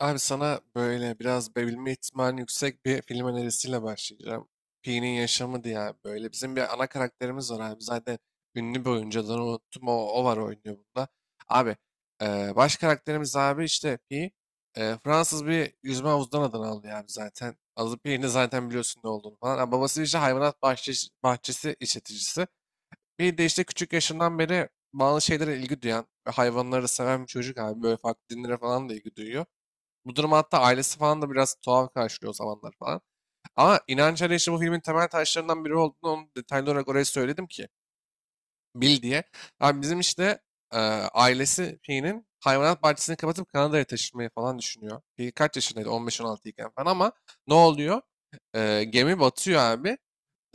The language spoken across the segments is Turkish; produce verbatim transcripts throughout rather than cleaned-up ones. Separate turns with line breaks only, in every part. Abi sana böyle biraz bebilme ihtimali yüksek bir film önerisiyle başlayacağım. Pi'nin Yaşamı diye abi böyle. Bizim bir ana karakterimiz var abi. Zaten ünlü bir oyuncu adını unuttum. O, o var oynuyor bunda. Abi e, baş karakterimiz abi işte Pi. e, Fransız bir yüzme havuzundan adını alıyor abi zaten. Adı Pi'nin zaten biliyorsun ne olduğunu falan. Ha, babası işte hayvanat bahçesi, bahçesi işleticisi. Bir de işte küçük yaşından beri bazı şeylere ilgi duyan ve hayvanları seven bir çocuk abi. Böyle farklı dinlere falan da ilgi duyuyor. Bu durum hatta ailesi falan da biraz tuhaf karşılıyor o zamanlar falan. Ama inanç arayışı bu filmin temel taşlarından biri olduğunu onu detaylı olarak oraya söyledim ki bil diye. Abi bizim işte e, ailesi Pi'nin hayvanat bahçesini kapatıp Kanada'ya taşınmayı falan düşünüyor. Pi kaç yaşındaydı? on beş on altı iken falan ama ne oluyor? E, gemi batıyor abi.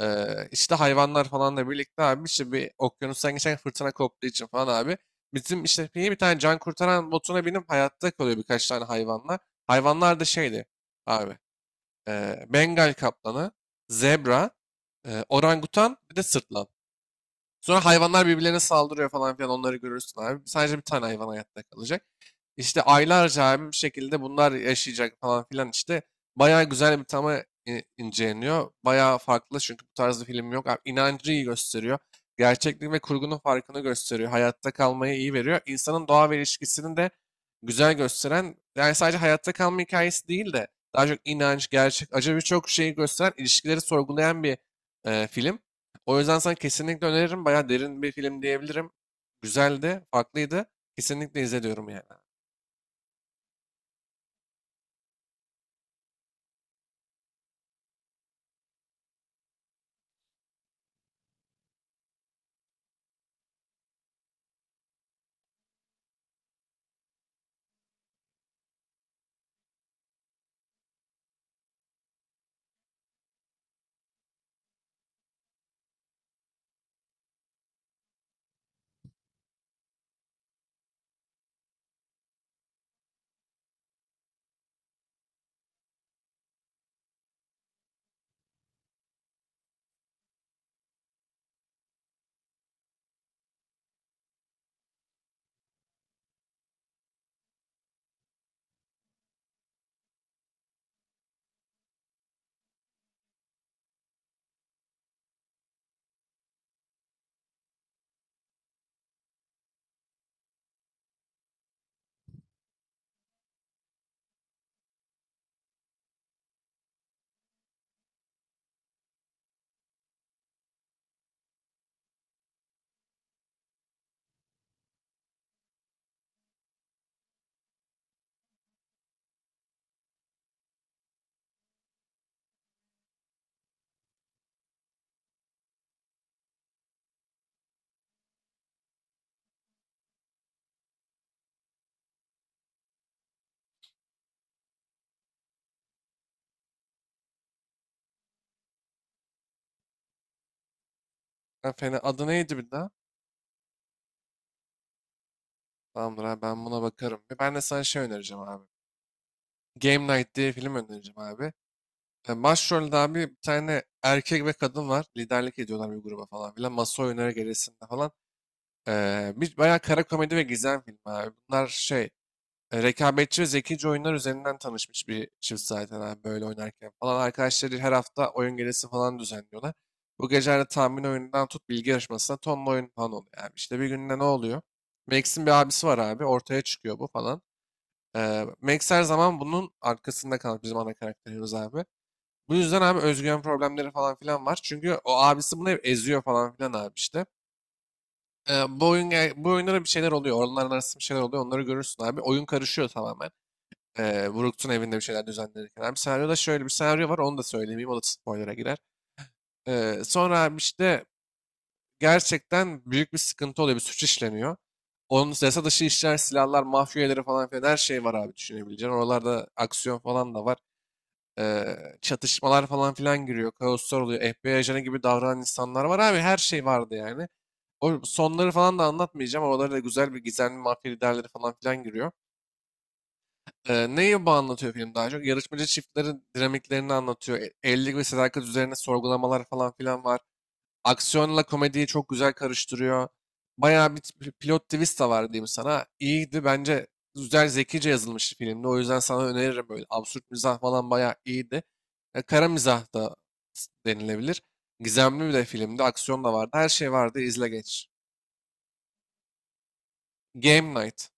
Ee, işte hayvanlar falanla birlikte abi işte bir okyanustan geçen fırtına koptuğu için falan abi. Bizim işte bir bir tane can kurtaran botuna binip hayatta kalıyor birkaç tane hayvanlar. Hayvanlar da şeydi abi. E, Bengal kaplanı, zebra, e, orangutan bir de sırtlan. Sonra hayvanlar birbirlerine saldırıyor falan filan onları görürsün abi. Sadece bir tane hayvan hayatta kalacak. İşte aylarca abi bir şekilde bunlar yaşayacak falan filan işte. Bayağı güzel bir tama i- inceleniyor. Bayağı farklı çünkü bu tarz bir film yok. Abi, inancı iyi gösteriyor. Gerçeklik ve kurgunun farkını gösteriyor. Hayatta kalmayı iyi veriyor. İnsanın doğa ve ilişkisini de güzel gösteren, yani sadece hayatta kalma hikayesi değil de daha çok inanç, gerçek, acı birçok şeyi gösteren, ilişkileri sorgulayan bir e, film. O yüzden sana kesinlikle öneririm. Bayağı derin bir film diyebilirim. Güzeldi, farklıydı. Kesinlikle izle diyorum yani. Ha, Fena. Adı neydi bir daha? Tamamdır abi ben buna bakarım. Ben de sana şey önereceğim abi. Game Night diye film önereceğim abi. E, Başrolde abi bir tane erkek ve kadın var. Liderlik ediyorlar bir gruba falan filan. Masa oyunları gerisinde falan. E, bir bayağı kara komedi ve gizem filmi abi. Bunlar şey e, rekabetçi ve zekice oyunlar üzerinden tanışmış bir çift zaten abi böyle oynarken falan. Arkadaşları her hafta oyun gecesi falan düzenliyorlar. Bu gecelerde tahmin oyunundan tut bilgi yarışmasına tonla oyun falan oluyor abi. İşte bir günde ne oluyor? Max'in bir abisi var abi. Ortaya çıkıyor bu falan. Ee, Max her zaman bunun arkasında kalmış bizim ana karakterimiz abi. Bu yüzden abi özgüven problemleri falan filan var. Çünkü o abisi bunu hep eziyor falan filan abi işte. Ee, bu oyun Bu oyunlara bir şeyler oluyor. Oraların arasında bir şeyler oluyor. Onları görürsün abi. Oyun karışıyor tamamen. Ee, Brook'un evinde bir şeyler düzenlenirken. Bir senaryoda şöyle bir senaryo var onu da söylemeyeyim o da spoiler'a girer. Ee, sonra abi işte gerçekten büyük bir sıkıntı oluyor bir suç işleniyor. Onun yasa dışı işler, silahlar, mafya üyeleri falan filan her şey var abi düşünebileceğin. Oralarda aksiyon falan da var. Ee, Çatışmalar falan filan giriyor. Kaoslar oluyor. F B I ajanı gibi davranan insanlar var abi. Her şey vardı yani. O sonları falan da anlatmayacağım. Oralarda da güzel bir gizemli mafya liderleri falan filan giriyor. Ee, neyi bu anlatıyor film daha çok? Yarışmacı çiftlerin dinamiklerini anlatıyor. E- Evlilik ve sadakat üzerine sorgulamalar falan filan var. Aksiyonla komediyi çok güzel karıştırıyor. Bayağı bir t- pilot twist de var diyeyim sana. İyiydi bence. Güzel zekice yazılmış filmdi. O yüzden sana öneririm böyle. Absürt mizah falan bayağı iyiydi. E, kara mizah da s- denilebilir. Gizemli bir de filmdi. Aksiyon da vardı. Her şey vardı. İzle geç. Game Night.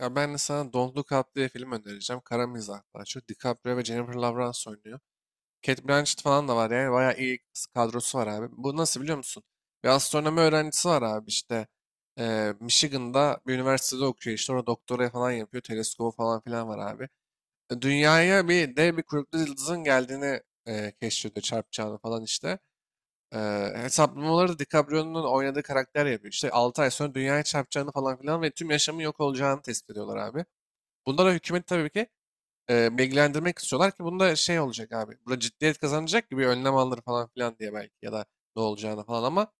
Ya ben de sana Don't Look Up diye film önereceğim. Kara mizah daha çok. DiCaprio ve Jennifer Lawrence oynuyor. Cate Blanchett falan da var yani. Bayağı iyi kadrosu var abi. Bu nasıl biliyor musun? Bir astronomi öğrencisi var abi işte. Eee, Michigan'da bir üniversitede okuyor işte. Orada doktora falan yapıyor. Teleskobu falan filan var abi. E, Dünyaya bir dev bir kuyruklu yıldızın geldiğini eee keşfediyor. Çarpacağını falan işte. Eee hesaplamaları da DiCaprio'nun oynadığı karakter yapıyor. İşte altı ay sonra dünyaya çarpacağını falan filan ve tüm yaşamın yok olacağını tespit ediyorlar abi. Bunlara hükümeti tabii ki e, bilgilendirmek istiyorlar ki bunda şey olacak abi. Burada ciddiyet kazanacak gibi önlem alır falan filan diye belki ya da ne olacağını falan ama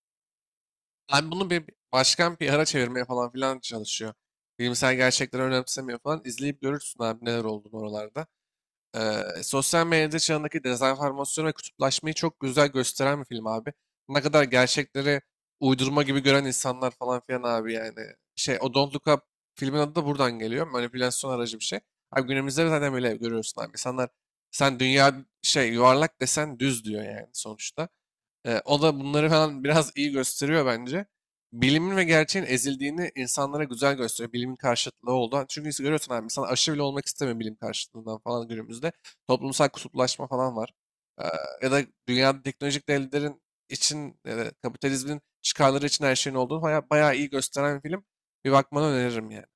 ben bunu bir başkan P R'a çevirmeye falan filan çalışıyor. Bilimsel gerçekleri önemsemiyor falan. İzleyip görürsün abi neler olduğunu oralarda. Eee, sosyal medya çağındaki dezenformasyon ve kutuplaşmayı çok güzel gösteren bir film abi. Ne kadar gerçekleri uydurma gibi gören insanlar falan filan abi yani. Şey, o Don't Look Up filmin adı da buradan geliyor. Manipülasyon aracı bir şey. Abi günümüzde zaten böyle görüyorsun abi. İnsanlar sen dünya şey yuvarlak desen düz diyor yani sonuçta. Ee, o da bunları falan biraz iyi gösteriyor bence. Bilimin ve gerçeğin ezildiğini insanlara güzel gösteriyor. Bilimin karşıtlığı oldu. Çünkü görüyorsun abi insan aşırı bile olmak istemiyor bilim karşıtlığından falan günümüzde. Toplumsal kutuplaşma falan var. Ee, Ya da dünyada teknolojik devletlerin için ya da kapitalizmin çıkarları için her şeyin olduğunu bayağı, bayağı iyi gösteren bir film. Bir bakmanı öneririm yani.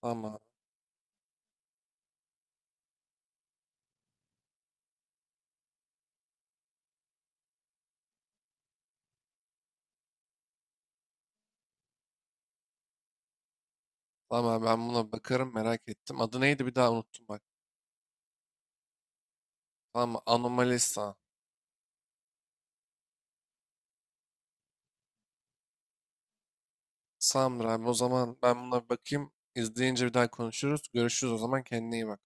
Tamam abi. Tamam abi ben buna bakarım merak ettim. Adı neydi bir daha unuttum bak. Tamam mı? Anomalisa. Tamamdır abi o zaman ben buna bir bakayım. İzleyince bir daha konuşuruz. Görüşürüz o zaman kendine iyi bak.